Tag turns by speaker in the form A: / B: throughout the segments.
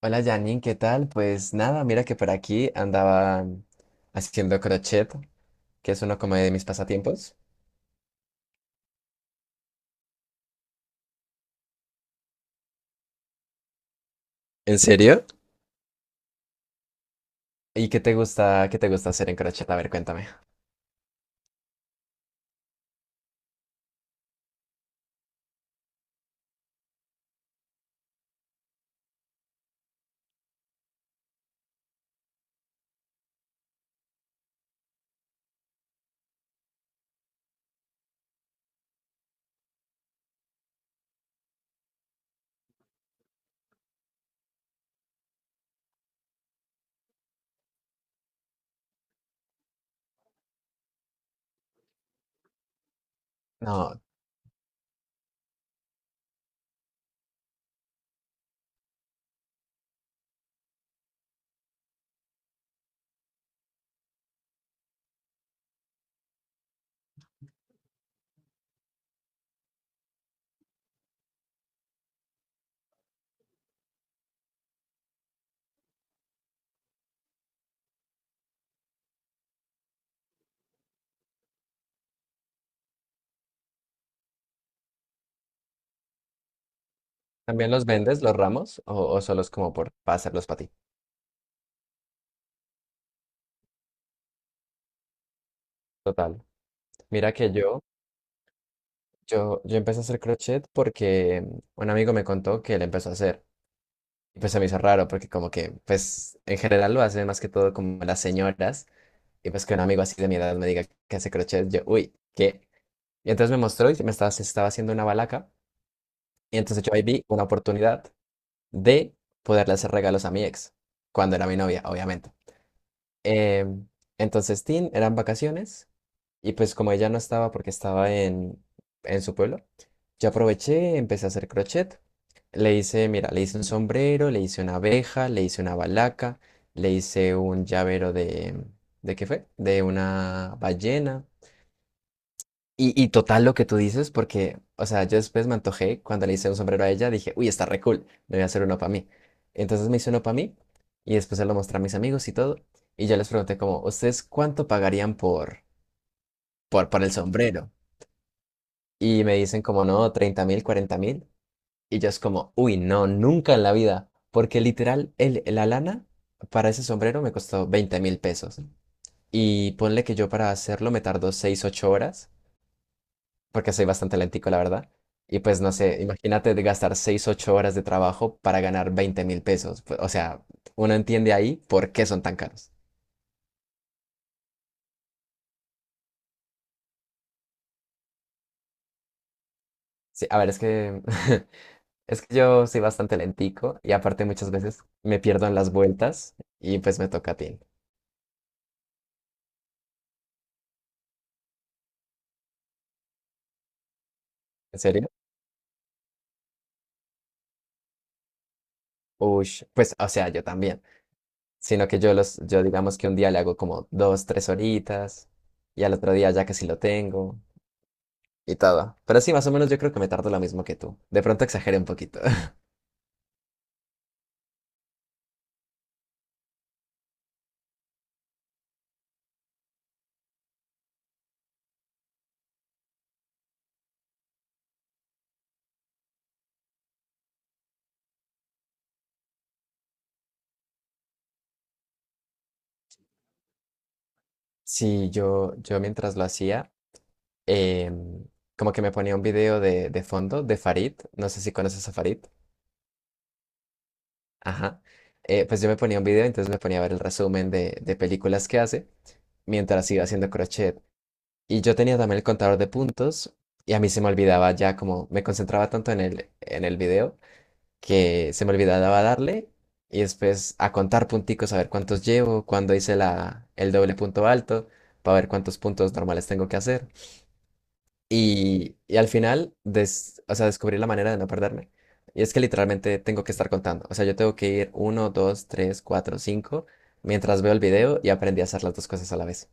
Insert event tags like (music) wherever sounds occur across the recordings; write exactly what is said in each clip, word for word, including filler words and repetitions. A: Hola Janine, ¿qué tal? Pues nada, mira que por aquí andaba haciendo crochet, que es uno como de mis pasatiempos. ¿En serio? ¿Y qué te gusta, qué te gusta hacer en crochet? A ver, cuéntame. No, ¿también los vendes, los ramos, o, o solo es como por para hacerlos para ti? Total. Mira que yo, yo, yo empecé a hacer crochet porque mm, un amigo me contó que él empezó a hacer. Y pues se me hizo raro porque como que, pues en general lo hacen más que todo como las señoras. Y pues que un amigo así de mi edad me diga que hace crochet, yo, uy, ¿qué? Y entonces me mostró y me estaba, se estaba haciendo una balaca. Y entonces yo ahí vi una oportunidad de poderle hacer regalos a mi ex, cuando era mi novia, obviamente. Em, entonces, Tin, eran vacaciones y pues como ella no estaba porque estaba en, en su pueblo, yo aproveché, empecé a hacer crochet. Le hice, mira, le hice un sombrero, le hice una abeja, le hice una balaca, le hice un llavero de, ¿de qué fue? De una ballena. Y, y total lo que tú dices, porque, o sea, yo después me antojé cuando le hice un sombrero a ella, dije, uy, está re cool, me voy a hacer uno para mí. Entonces me hice uno para mí y después se lo mostré a mis amigos y todo. Y yo les pregunté como, ¿ustedes cuánto pagarían por, por, por el sombrero? Y me dicen como, no, treinta mil, cuarenta mil. Y yo es como, uy, no, nunca en la vida, porque literal, el, la lana para ese sombrero me costó veinte mil pesos. Y ponle que yo para hacerlo me tardó seis ocho horas. Porque soy bastante lentico, la verdad. Y pues no sé, imagínate de gastar seis ocho horas de trabajo para ganar veinte mil pesos. Pues, o sea, uno entiende ahí por qué son tan caros. Sí, a ver, es que, (laughs) es que yo soy bastante lentico y aparte muchas veces me pierdo en las vueltas y pues me toca a ti. ¿En serio? Ush, pues, o sea, yo también. Sino que yo los, yo digamos que un día le hago como dos, tres horitas y al otro día ya casi lo tengo y todo. Pero sí, más o menos yo creo que me tardo lo mismo que tú. De pronto exageré un poquito. (laughs) Sí, yo, yo mientras lo hacía, em, como que me ponía un video de, de fondo de Farid, no sé si conoces a Farid, ajá. Eh, pues yo me ponía un video, entonces me ponía a ver el resumen de, de películas que hace mientras iba haciendo crochet. Y yo tenía también el contador de puntos y a mí se me olvidaba ya como me concentraba tanto en el, en el video que se me olvidaba darle y después a contar punticos, a ver cuántos llevo, cuándo hice la, el doble punto alto, para ver cuántos puntos normales tengo que hacer. Y, y al final, des- o sea, descubrí la manera de no perderme. Y es que literalmente tengo que estar contando. O sea, yo tengo que ir uno, dos, tres, cuatro, cinco, mientras veo el video y aprendí a hacer las dos cosas a la vez.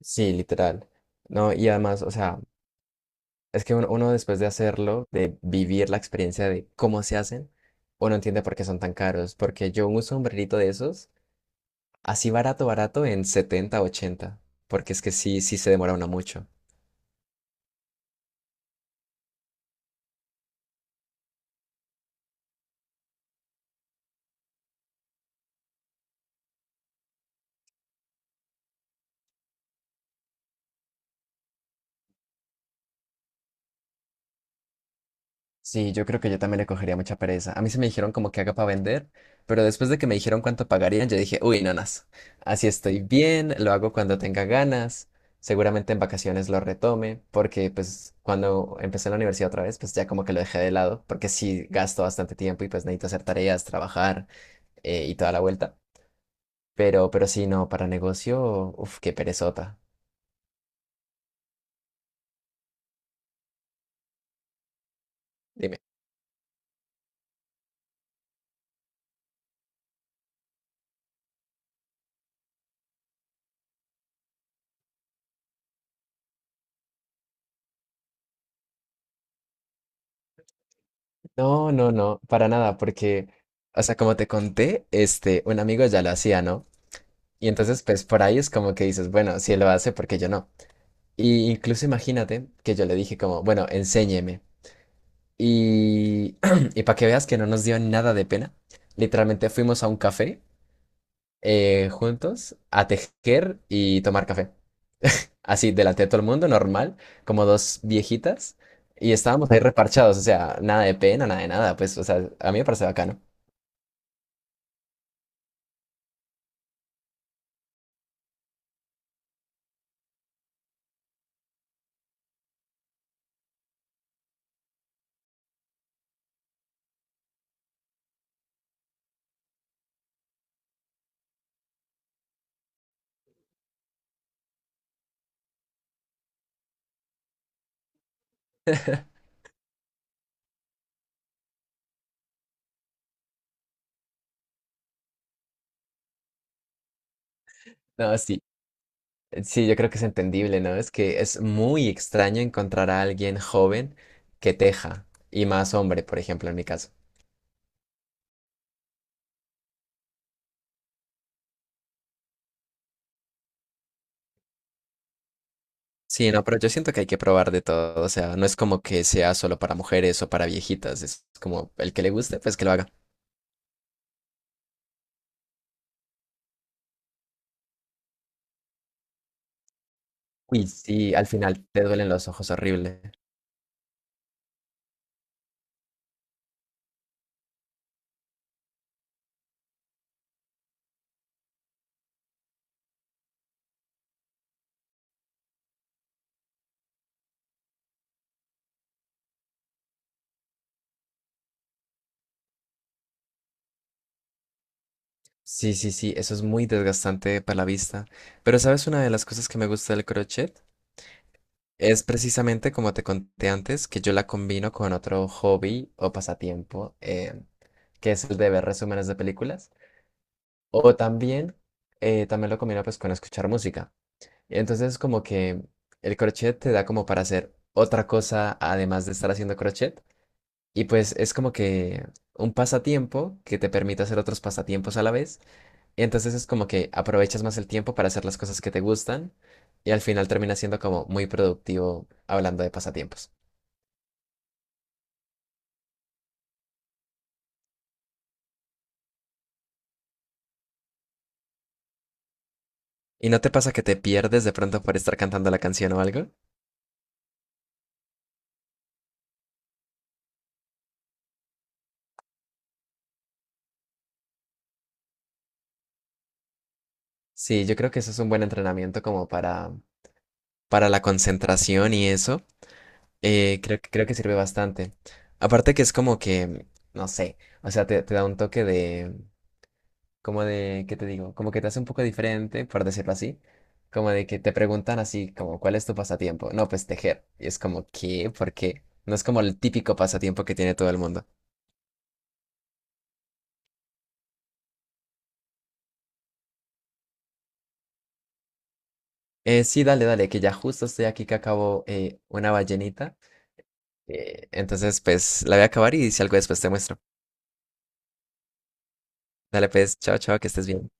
A: Sí, literal. No, y además, o sea, es que uno, uno después de hacerlo, de vivir la experiencia de cómo se hacen, uno entiende por qué son tan caros. Porque yo un sombrerito de esos, así barato, barato, en setenta ochenta. Porque es que sí, sí se demora uno mucho. Sí, yo creo que yo también le cogería mucha pereza. A mí se me dijeron como que haga para vender, pero después de que me dijeron cuánto pagarían, yo dije, uy, nanas, así estoy bien, lo hago cuando tenga ganas, seguramente en vacaciones lo retome, porque pues cuando empecé en la universidad otra vez, pues ya como que lo dejé de lado, porque sí gasto bastante tiempo y pues necesito hacer tareas, trabajar, eh, y toda la vuelta. Pero, pero sí, no, para negocio, uff qué perezota. Dime. No, no, no, para nada, porque, o sea, como te conté, este, un amigo ya lo hacía, ¿no? Y entonces, pues por ahí es como que dices, bueno, si él lo hace, ¿por qué yo no? Y incluso imagínate que yo le dije como, bueno, enséñeme. Y, (clears throat) y para que veas que no nos dio nada de pena, literalmente fuimos a un café, eh, juntos a tejer y tomar café. Así, delante de todo el mundo, normal, como dos viejitas. Y estábamos ahí reparchados, o sea, nada de pena, nada de nada, pues, o sea, a mí me parece bacano. (laughs) No, sí, sí, yo creo que es entendible, ¿no? Es que es muy extraño encontrar a alguien joven que teja, y más hombre, por ejemplo, en mi caso. Sí, no, pero yo siento que hay que probar de todo, o sea, no es como que sea solo para mujeres o para viejitas, es como el que le guste, pues que lo haga. Uy, sí, al final te duelen los ojos horrible. Sí, sí, sí, eso es muy desgastante para la vista. Pero ¿sabes una de las cosas que me gusta del crochet? Es precisamente como te conté antes que yo la combino con otro hobby o pasatiempo, eh, que es el de ver resúmenes de películas. O también, eh, también lo combino pues con escuchar música. Entonces como que el crochet te da como para hacer otra cosa además de estar haciendo crochet. Y pues es como que un pasatiempo que te permite hacer otros pasatiempos a la vez. Y Entonces es como que aprovechas más el tiempo para hacer las cosas que te gustan y al final termina siendo como muy productivo hablando de pasatiempos. ¿Y no te pasa que te pierdes de pronto por estar cantando la canción o algo? Sí, yo creo que eso es un buen entrenamiento como para, para la concentración y eso. eh, creo, que- creo que sirve bastante. Aparte que es como que, no sé, o sea, te, te da un toque de, como de, ¿qué te digo? Como que te hace un poco diferente, por decirlo así. Como de que te preguntan así, como, ¿cuál es tu pasatiempo? No, pues tejer. Y es como, ¿qué? ¿Por qué? No es como el típico pasatiempo que tiene todo el mundo. Eh, sí, dale, dale, que ya justo estoy aquí que acabo, eh, una ballenita. Eh, entonces, pues la voy a acabar y si algo después te muestro. Dale, pues, chao, chao, que estés bien.